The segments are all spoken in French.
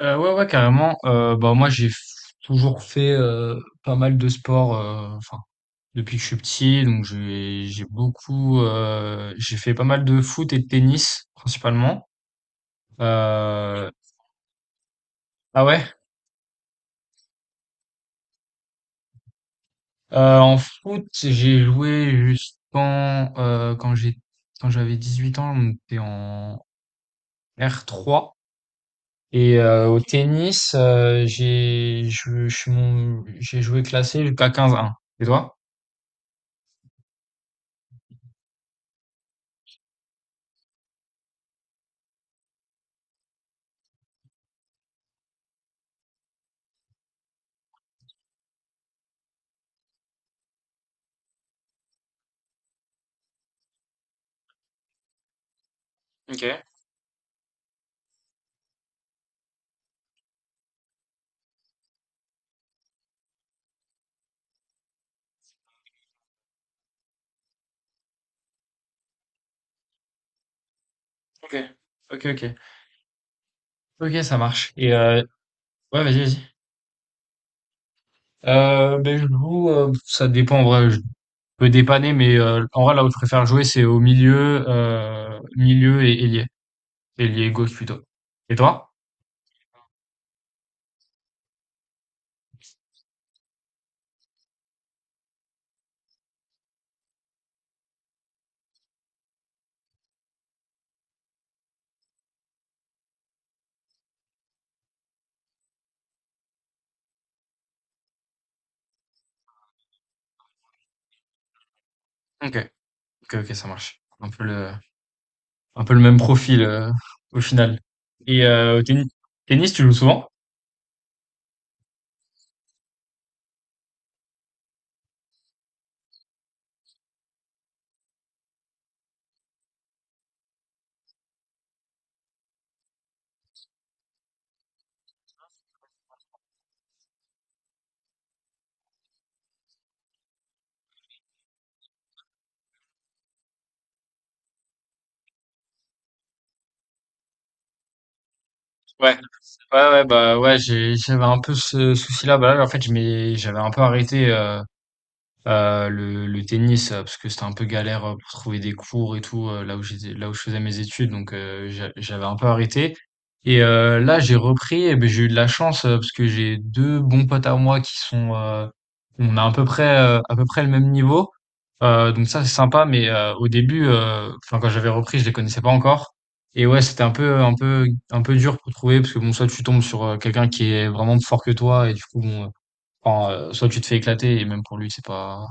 Ouais, ouais, carrément. Bah, moi, j'ai toujours fait pas mal de sport enfin, depuis que je suis petit. Donc, j'ai beaucoup. J'ai fait pas mal de foot et de tennis, principalement. Euh, ah ouais? En foot, j'ai joué jusqu'en. Quand j'ai, quand j'avais 18 ans, on était en R3. Au tennis, j'ai je suis mon- j'ai joué classé jusqu'à 15/1. Et toi? Ok, ok. Ok, ok. Ok, ça marche. Ouais, vas-y, vas-y. Ben, je joue, ça dépend en vrai, je peux dépanner, mais en vrai, là où je préfère jouer, c'est au milieu, milieu et ailier. Ailier gauche plutôt. Et toi? Ok, ok, ok, ça marche. Un peu le même profil au final. Au tennis, tu joues souvent? Ouais, ouais, ouais, bah ouais, j'avais un peu ce souci-là. Bah là, en fait, j'avais un peu arrêté. Le tennis, parce que c'était un peu galère pour trouver des cours et tout, là où j'étais, là où je faisais mes études, donc j'avais un peu arrêté. Là, j'ai repris, et ben, j'ai eu de la chance, parce que j'ai deux bons potes à moi qui sont, on a à peu près le même niveau. Donc ça, c'est sympa, mais au début, enfin, quand j'avais repris, je les connaissais pas encore. Et ouais, c'était un peu dur pour trouver, parce que bon, soit tu tombes sur quelqu'un qui est vraiment plus fort que toi, et du coup, bon, soit tu te fais éclater, et même pour lui, c'est pas,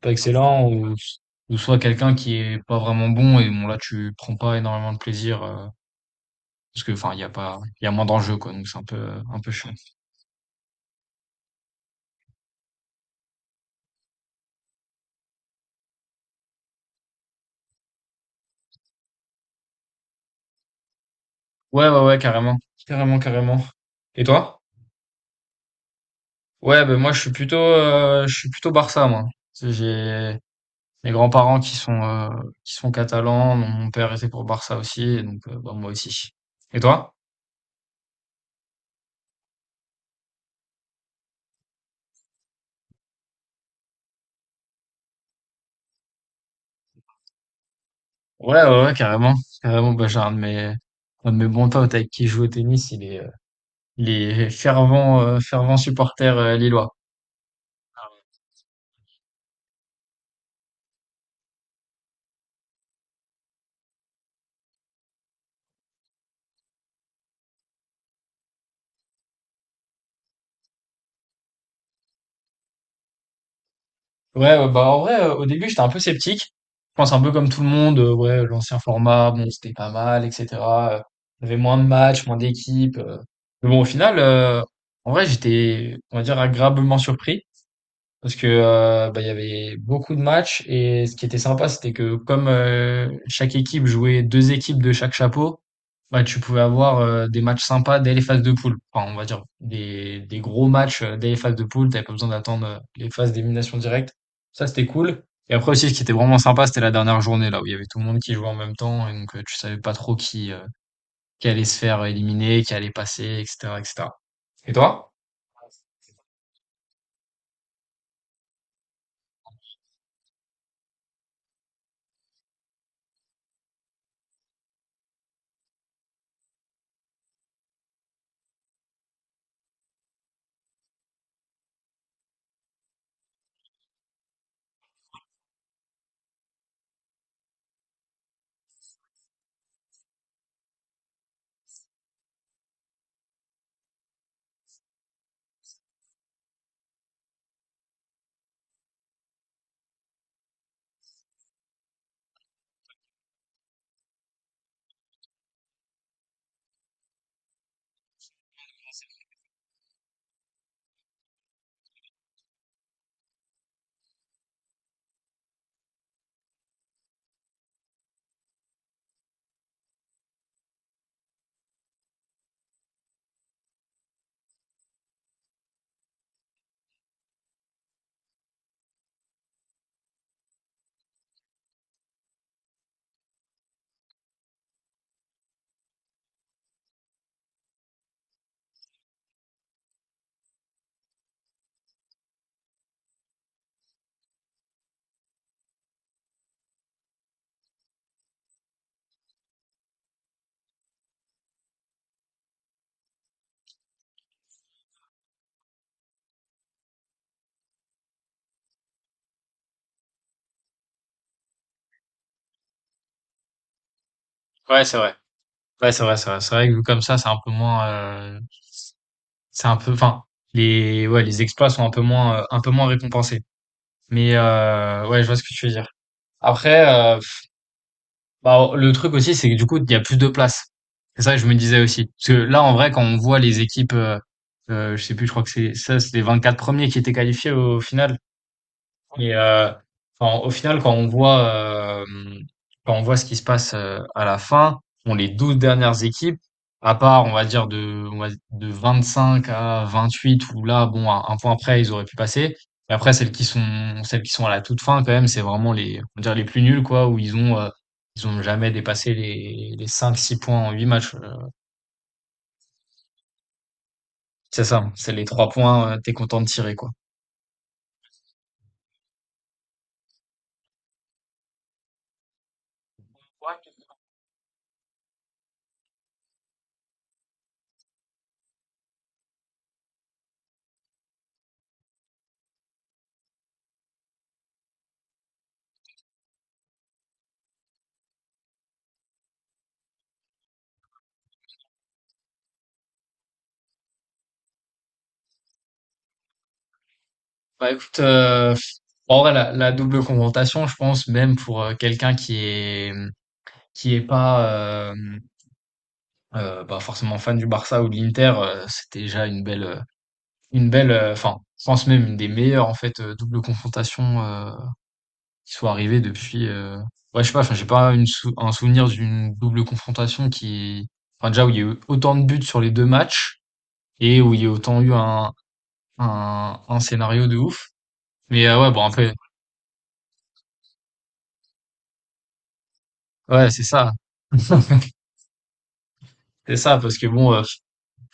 pas excellent ou soit quelqu'un qui est pas vraiment bon et bon là tu prends pas énormément de plaisir parce que enfin il y a pas il y a moins d'enjeux quoi donc c'est un peu chiant. Ouais, ouais, ouais, carrément, carrément, carrément. Et toi? Ouais, ben moi je suis plutôt Barça moi. Tu sais, j'ai mes grands-parents qui sont catalans, mon père était pour Barça aussi et donc bah, moi aussi. Et toi? Ouais, ouais, ouais, carrément, carrément. Bah, j'ai un de mes bons potes avec qui je joue au tennis Il est fervent, fervent supporter lillois. Ouais, ouais, bah en vrai, au début, j'étais un peu sceptique. Je pense un peu comme tout le monde, ouais, l'ancien format, bon, c'était pas mal, etc. Euh, Il y avait moins de matchs, moins d'équipes. Mais bon, au final, en vrai, j'étais, on va dire, agréablement surpris. Parce que bah, il y avait beaucoup de matchs et ce qui était sympa, c'était que comme chaque équipe jouait deux équipes de chaque chapeau, bah, tu pouvais avoir des matchs sympas dès les phases de poule. Enfin, on va dire des gros matchs dès les phases de poule. T'avais pas besoin d'attendre les phases d'élimination directe. Ça, c'était cool. Et après aussi, ce qui était vraiment sympa, c'était la dernière journée là où il y avait tout le monde qui jouait en même temps et donc tu savais pas trop qui allait se faire éliminer, qui allait passer, etc., etc. Et cetera. Et toi? Ouais, c'est vrai. Ouais, c'est vrai, c'est vrai. C'est vrai que vu comme ça, c'est un peu moins. C'est un peu, enfin, ouais, les exploits sont un peu moins récompensés. Mais ouais, je vois ce que tu veux dire. Après, bah, le truc aussi, c'est que du coup, il y a plus de place. C'est ça que je me disais aussi. Parce que là, en vrai, quand on voit les équipes, je sais plus, je crois que c'est ça, c'est les 24 premiers qui étaient qualifiés au final. Et euh, enfin, au final, euh, quand on voit ce qui se passe à la fin, bon, les 12 dernières équipes, à part, on va dire, de 25 à 28, où là, bon, un point près, ils auraient pu passer. Et après, celles qui sont à la toute fin, quand même, c'est vraiment on va dire, les plus nuls, quoi, ils ont jamais dépassé les cinq six points en 8 matchs. C'est ça, c'est les 3 points, t'es content de tirer, quoi. Bah écoute, en vrai, la double confrontation, je pense, même pour quelqu'un qui est pas bah, forcément fan du Barça ou de l'Inter, c'était déjà enfin, je pense même une des meilleures en fait double confrontation qui soit arrivée depuis. Ouais, je sais pas, enfin, j'ai pas un souvenir d'une double confrontation qui, enfin, déjà où il y a eu autant de buts sur les deux matchs et où il y a autant eu un scénario de ouf. Mais ouais, bon, un peu, ouais, c'est ça. C'est ça, parce que bon,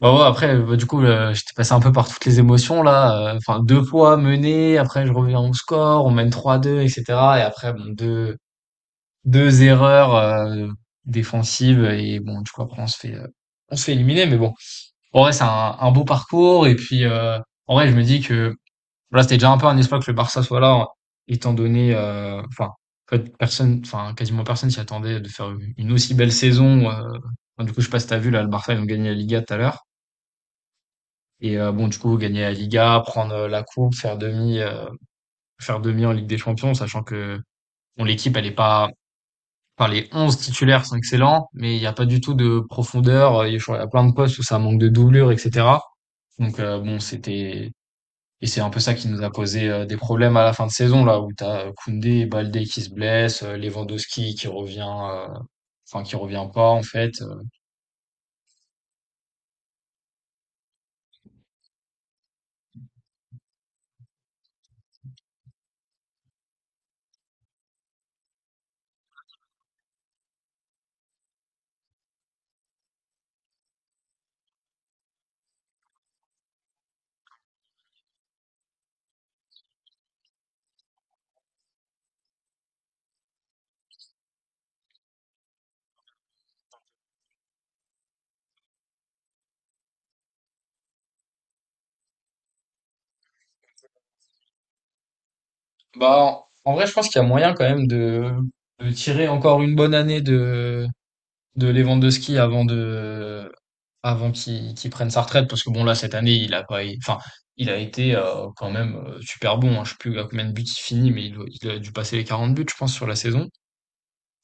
bah ouais, après, bah, du coup, j'étais passé un peu par toutes les émotions là. Enfin, deux fois mené, après je reviens au score, on mène 3-2, etc. Et cetera. Et après, bon, deux erreurs défensives et bon, du coup après on se fait éliminer. Mais bon, en vrai, c'est un beau parcours. Et puis, en vrai, je me dis que voilà, c'était déjà un peu un espoir que le Barça soit là, hein, étant donné, enfin, en fait, personne, enfin, quasiment personne s'y attendait de faire u une aussi belle saison, enfin, du coup, je sais pas si tu vu là, le Barça, ils ont gagné la Liga tout à l'heure et bon, du coup, gagner la Liga, prendre, la coupe, faire demi en Ligue des Champions, sachant que, bon, l'équipe, elle est pas enfin, les 11 titulaires sont excellents, mais il y a pas du tout de profondeur, il y a plein de postes où ça manque de doublure et cetera. Donc bon, c'était et c'est un peu ça qui nous a posé des problèmes à la fin de saison, là, où t'as Koundé et Baldé qui se blessent, Lewandowski qui revient, enfin, qui revient pas, en fait. Bah, en vrai, je pense qu'il y a moyen quand même de tirer encore une bonne année de Lewandowski avant qu'il prenne sa retraite, parce que bon, là, cette année, il a pas, il- enfin, il a été quand même super bon, hein. Je sais plus à combien de buts il finit, mais il a dû passer les 40 buts, je pense, sur la saison.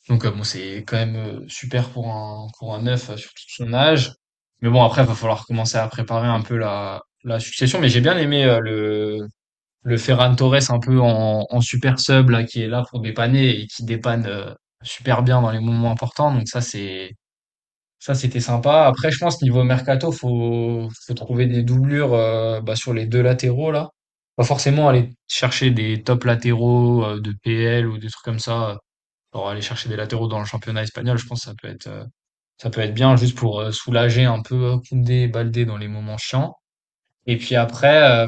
Donc bon, c'est quand même super pour un neuf surtout de son âge. Mais bon, après, va falloir commencer à préparer un peu la succession. Mais j'ai bien aimé le Ferran Torres un peu en super sub là qui est là pour dépanner et qui dépanne super bien dans les moments importants. Ça c'était sympa. Après, je pense niveau mercato, faut trouver des doublures bah, sur les deux latéraux là. Pas forcément aller chercher des top latéraux de PL ou des trucs comme ça pour aller chercher des latéraux dans le championnat espagnol, je pense que ça peut être bien juste pour soulager un peu Koundé et Baldé dans les moments chiants. Et puis après,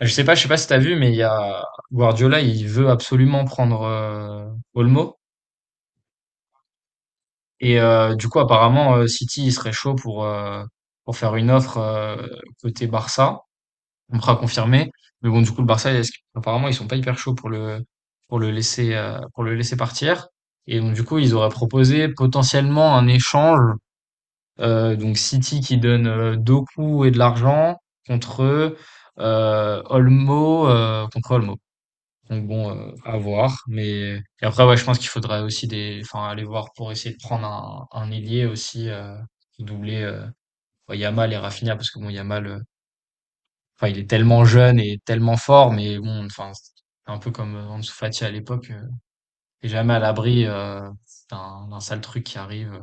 je sais pas si t'as vu, mais il y a Guardiola, il veut absolument prendre Olmo. Du coup, apparemment, City, il serait chaud pour faire une offre côté Barça. On pourra confirmer. Mais bon, du coup, le Barça, apparemment, ils sont pas hyper chauds pour le laisser partir. Et donc, du coup, ils auraient proposé potentiellement un échange. Donc City qui donne Doku et de l'argent contre contre Olmo. Donc bon, à voir. Mais et après, ouais, je pense qu'il faudrait aussi enfin, aller voir pour essayer de prendre un ailier aussi, pour doubler ouais, Yamal et Rafinha, parce que bon, Yamal, enfin, il est tellement jeune et tellement fort, mais bon, enfin, c'est un peu comme Ansu Fati à l'époque, t'es jamais à l'abri d'un sale truc qui arrive.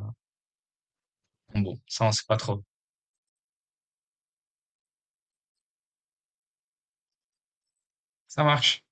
Bon, bon, ça on sait pas trop. Ça marche.